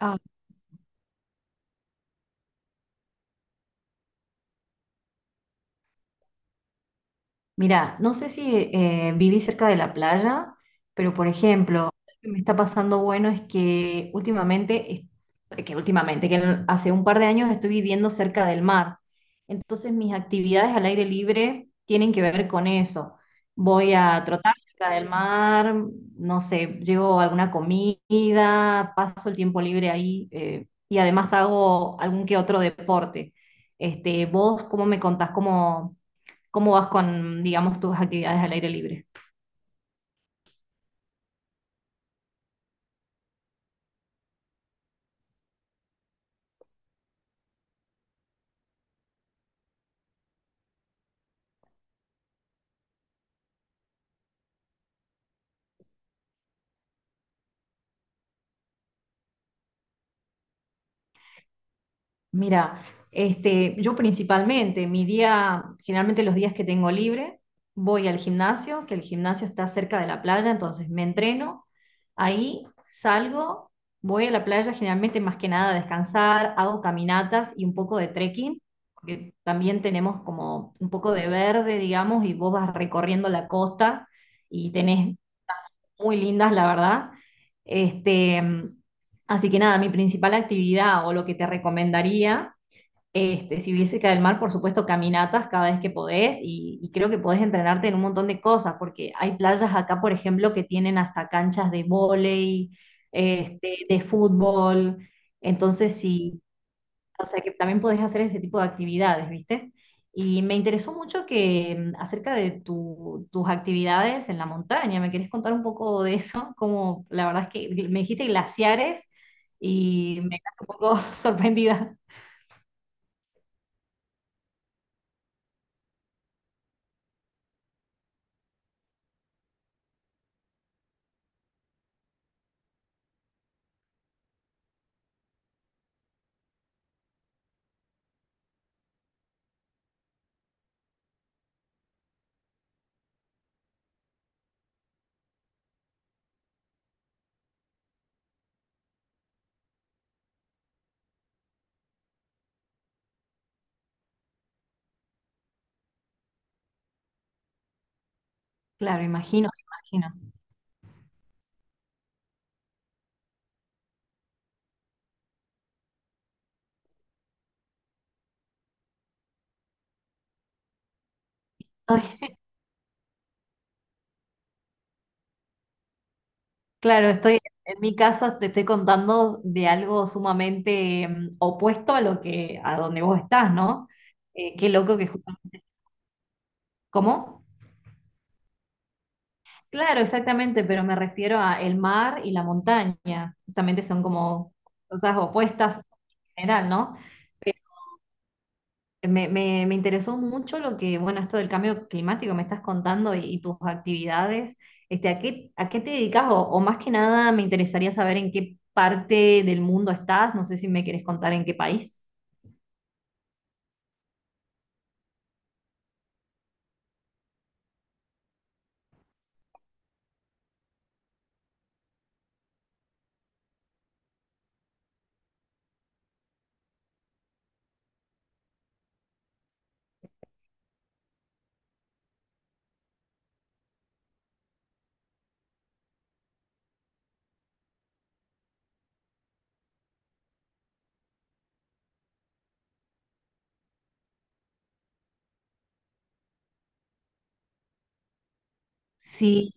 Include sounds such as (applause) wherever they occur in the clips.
Ah, mira, no sé si viví cerca de la playa, pero por ejemplo, lo que me está pasando bueno es que últimamente, hace un par de años estoy viviendo cerca del mar. Entonces mis actividades al aire libre tienen que ver con eso. Voy a trotar cerca del mar, no sé, llevo alguna comida, paso el tiempo libre ahí y además hago algún que otro deporte. Este, ¿vos cómo me contás cómo ¿cómo vas con, digamos, tus actividades al aire libre? Mira, este, yo principalmente, mi día, generalmente los días que tengo libre, voy al gimnasio, que el gimnasio está cerca de la playa, entonces me entreno, ahí salgo, voy a la playa generalmente más que nada a descansar, hago caminatas y un poco de trekking, porque también tenemos como un poco de verde, digamos, y vos vas recorriendo la costa y tenés muy lindas, la verdad. Este, así que nada, mi principal actividad o lo que te recomendaría, este, si viviese cerca del mar, por supuesto, caminatas cada vez que podés y creo que podés entrenarte en un montón de cosas, porque hay playas acá, por ejemplo, que tienen hasta canchas de vóley, este, de fútbol. Entonces, si, o sea que también podés hacer ese tipo de actividades, ¿viste? Y me interesó mucho que acerca de tus actividades en la montaña, ¿me querés contar un poco de eso? (laughs) Como la verdad es que me dijiste glaciares y me quedé un poco (laughs) sorprendida. Claro, imagino, imagino. Ay, claro, estoy, en mi caso te estoy contando de algo sumamente opuesto a lo que, a donde vos estás, ¿no? Qué loco que... ju- ¿Cómo? Claro, exactamente, pero me refiero a el mar y la montaña. Justamente son como cosas opuestas en general, ¿no? Pero me interesó mucho lo que, bueno, esto del cambio climático me estás contando y tus actividades. Este, ¿a qué te dedicas? O más que nada me interesaría saber en qué parte del mundo estás. No sé si me querés contar en qué país. Sí,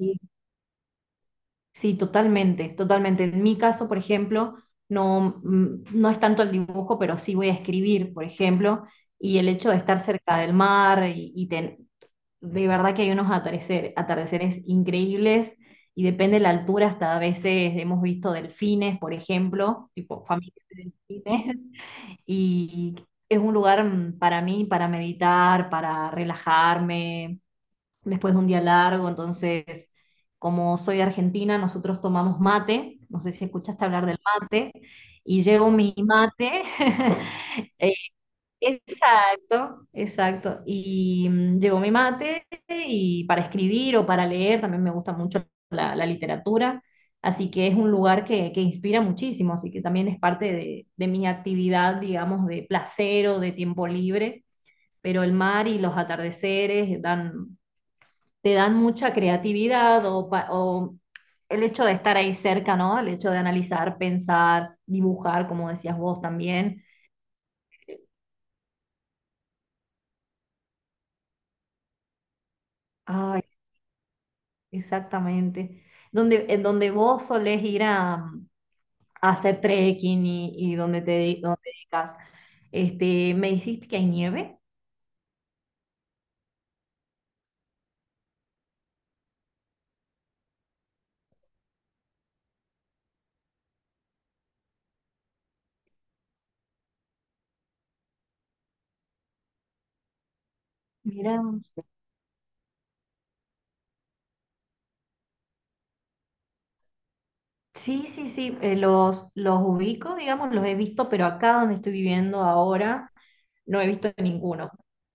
sí, totalmente, totalmente. En mi caso, por ejemplo, no, no es tanto el dibujo, pero sí voy a escribir, por ejemplo, y el hecho de estar cerca del mar y de verdad que hay unos atardeceres increíbles y depende de la altura, hasta a veces hemos visto delfines, por ejemplo, tipo familias de delfines, (laughs) y es un lugar para mí, para meditar, para relajarme después de un día largo, entonces, como soy argentina, nosotros tomamos mate, no sé si escuchaste hablar del mate, y llevo mi mate, (laughs) eh, exacto, exacto, y llevo mi mate y para escribir o para leer, también me gusta mucho la literatura, así que es un lugar que inspira muchísimo, así que también es parte de mi actividad, digamos, de placer o de tiempo libre pero el mar y los atardeceres dan te dan mucha creatividad o, el hecho de estar ahí cerca, ¿no? El hecho de analizar, pensar, dibujar, como decías vos también. Ay, exactamente. Donde, en donde vos solés ir a hacer trekking y, donde te dedicas. Este, ¿me dijiste que hay nieve? Mira. Sí, sí, sí, los ubico, digamos, los he visto, pero acá donde estoy viviendo ahora no he visto ninguno,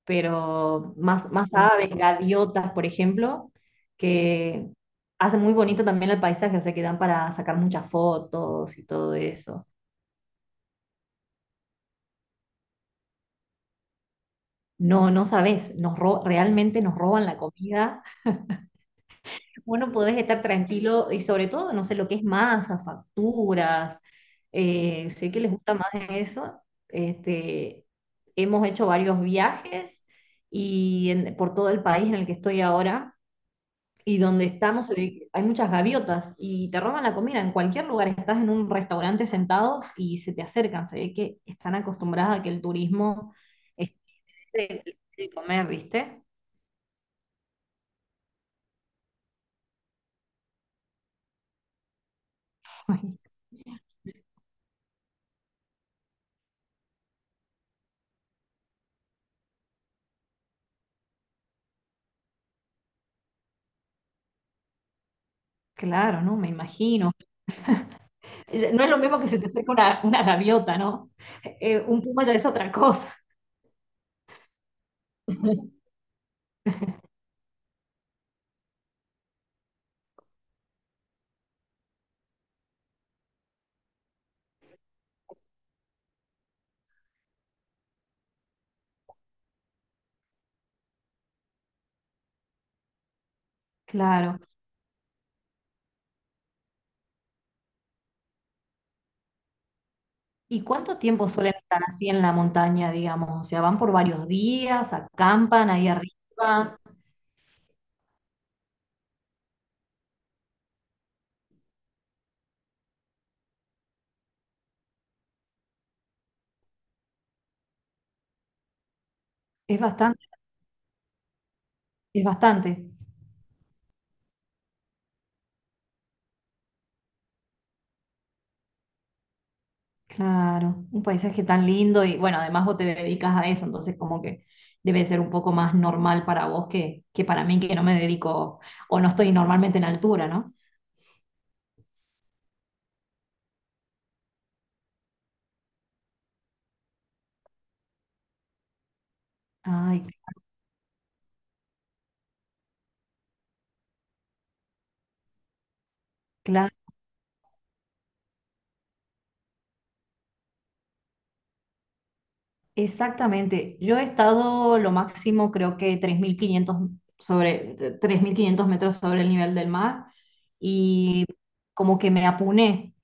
pero más, más aves, gaviotas, por ejemplo, que hacen muy bonito también el paisaje, o sea, que dan para sacar muchas fotos y todo eso. No, no sabes, realmente nos roban la comida. Bueno, podés estar tranquilo y sobre todo, no sé lo que es masa, facturas, sé que les gusta más eso. Este, hemos hecho varios viajes por todo el país en el que estoy ahora y donde estamos se ve que hay muchas gaviotas y te roban la comida. En cualquier lugar estás en un restaurante sentado y se te acercan. Se ve que están acostumbradas a que el turismo esté de comer, ¿viste? (laughs) Claro, ¿no? Me imagino. No es lo mismo que se te acerque una gaviota, ¿no? Un puma ya es otra cosa. (laughs) Claro. ¿Y cuánto tiempo suelen estar así en la montaña, digamos? O sea, van por varios días, acampan ahí arriba. Es bastante, es bastante. Claro, un paisaje tan lindo y bueno, además vos te dedicas a eso, entonces como que debe ser un poco más normal para vos que para mí que no me dedico o no estoy normalmente en altura, ¿no? Ay, claro, exactamente. Yo he estado lo máximo creo que 3500 sobre 3500 metros sobre el nivel del mar y como que me apuné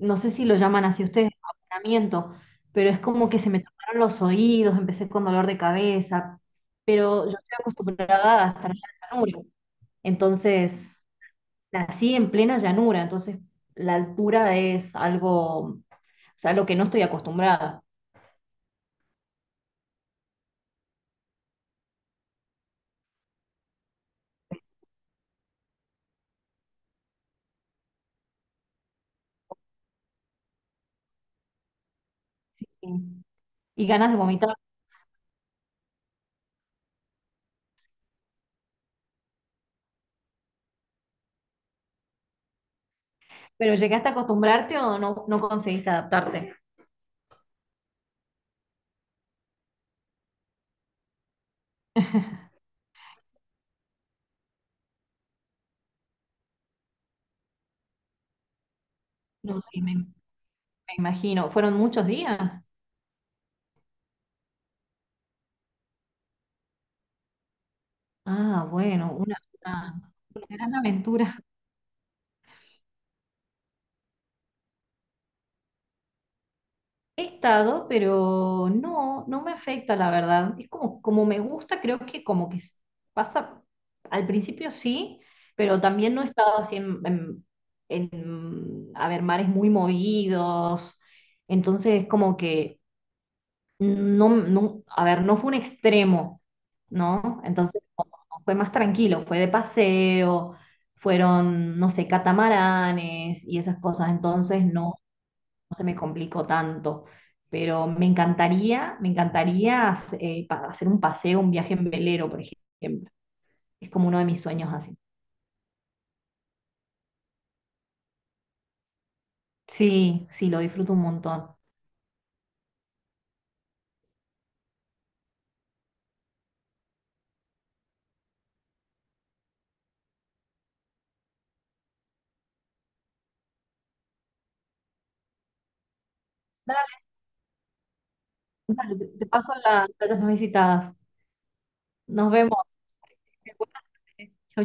no sé si lo llaman así ustedes, abonamiento, pero es como que se me taparon los oídos, empecé con dolor de cabeza, pero yo estoy acostumbrada a estar en la llanura, entonces nací en plena llanura, entonces la altura es algo, o sea, lo que no estoy acostumbrada. Y y ganas de vomitar, pero ¿llegaste a acostumbrarte o no, no conseguiste adaptarte? No, sí, me imagino. ¿Fueron muchos días? Ah, bueno, una, una gran aventura. He estado, pero no, no me afecta, la verdad. Es como, como me gusta, creo que como que pasa, al principio sí, pero también no he estado así en, a ver, mares muy movidos. Entonces, como que no, no, a ver, no fue un extremo, ¿no? Entonces no, fue más tranquilo, fue de paseo, fueron, no sé, catamaranes y esas cosas. Entonces, no se me complicó tanto. Pero me encantaría hacer un paseo, un viaje en velero, por ejemplo. Es como uno de mis sueños así. Sí, sí, lo disfruto un montón. Dale, dale, te paso las playas más visitadas. Nos vemos. Chau,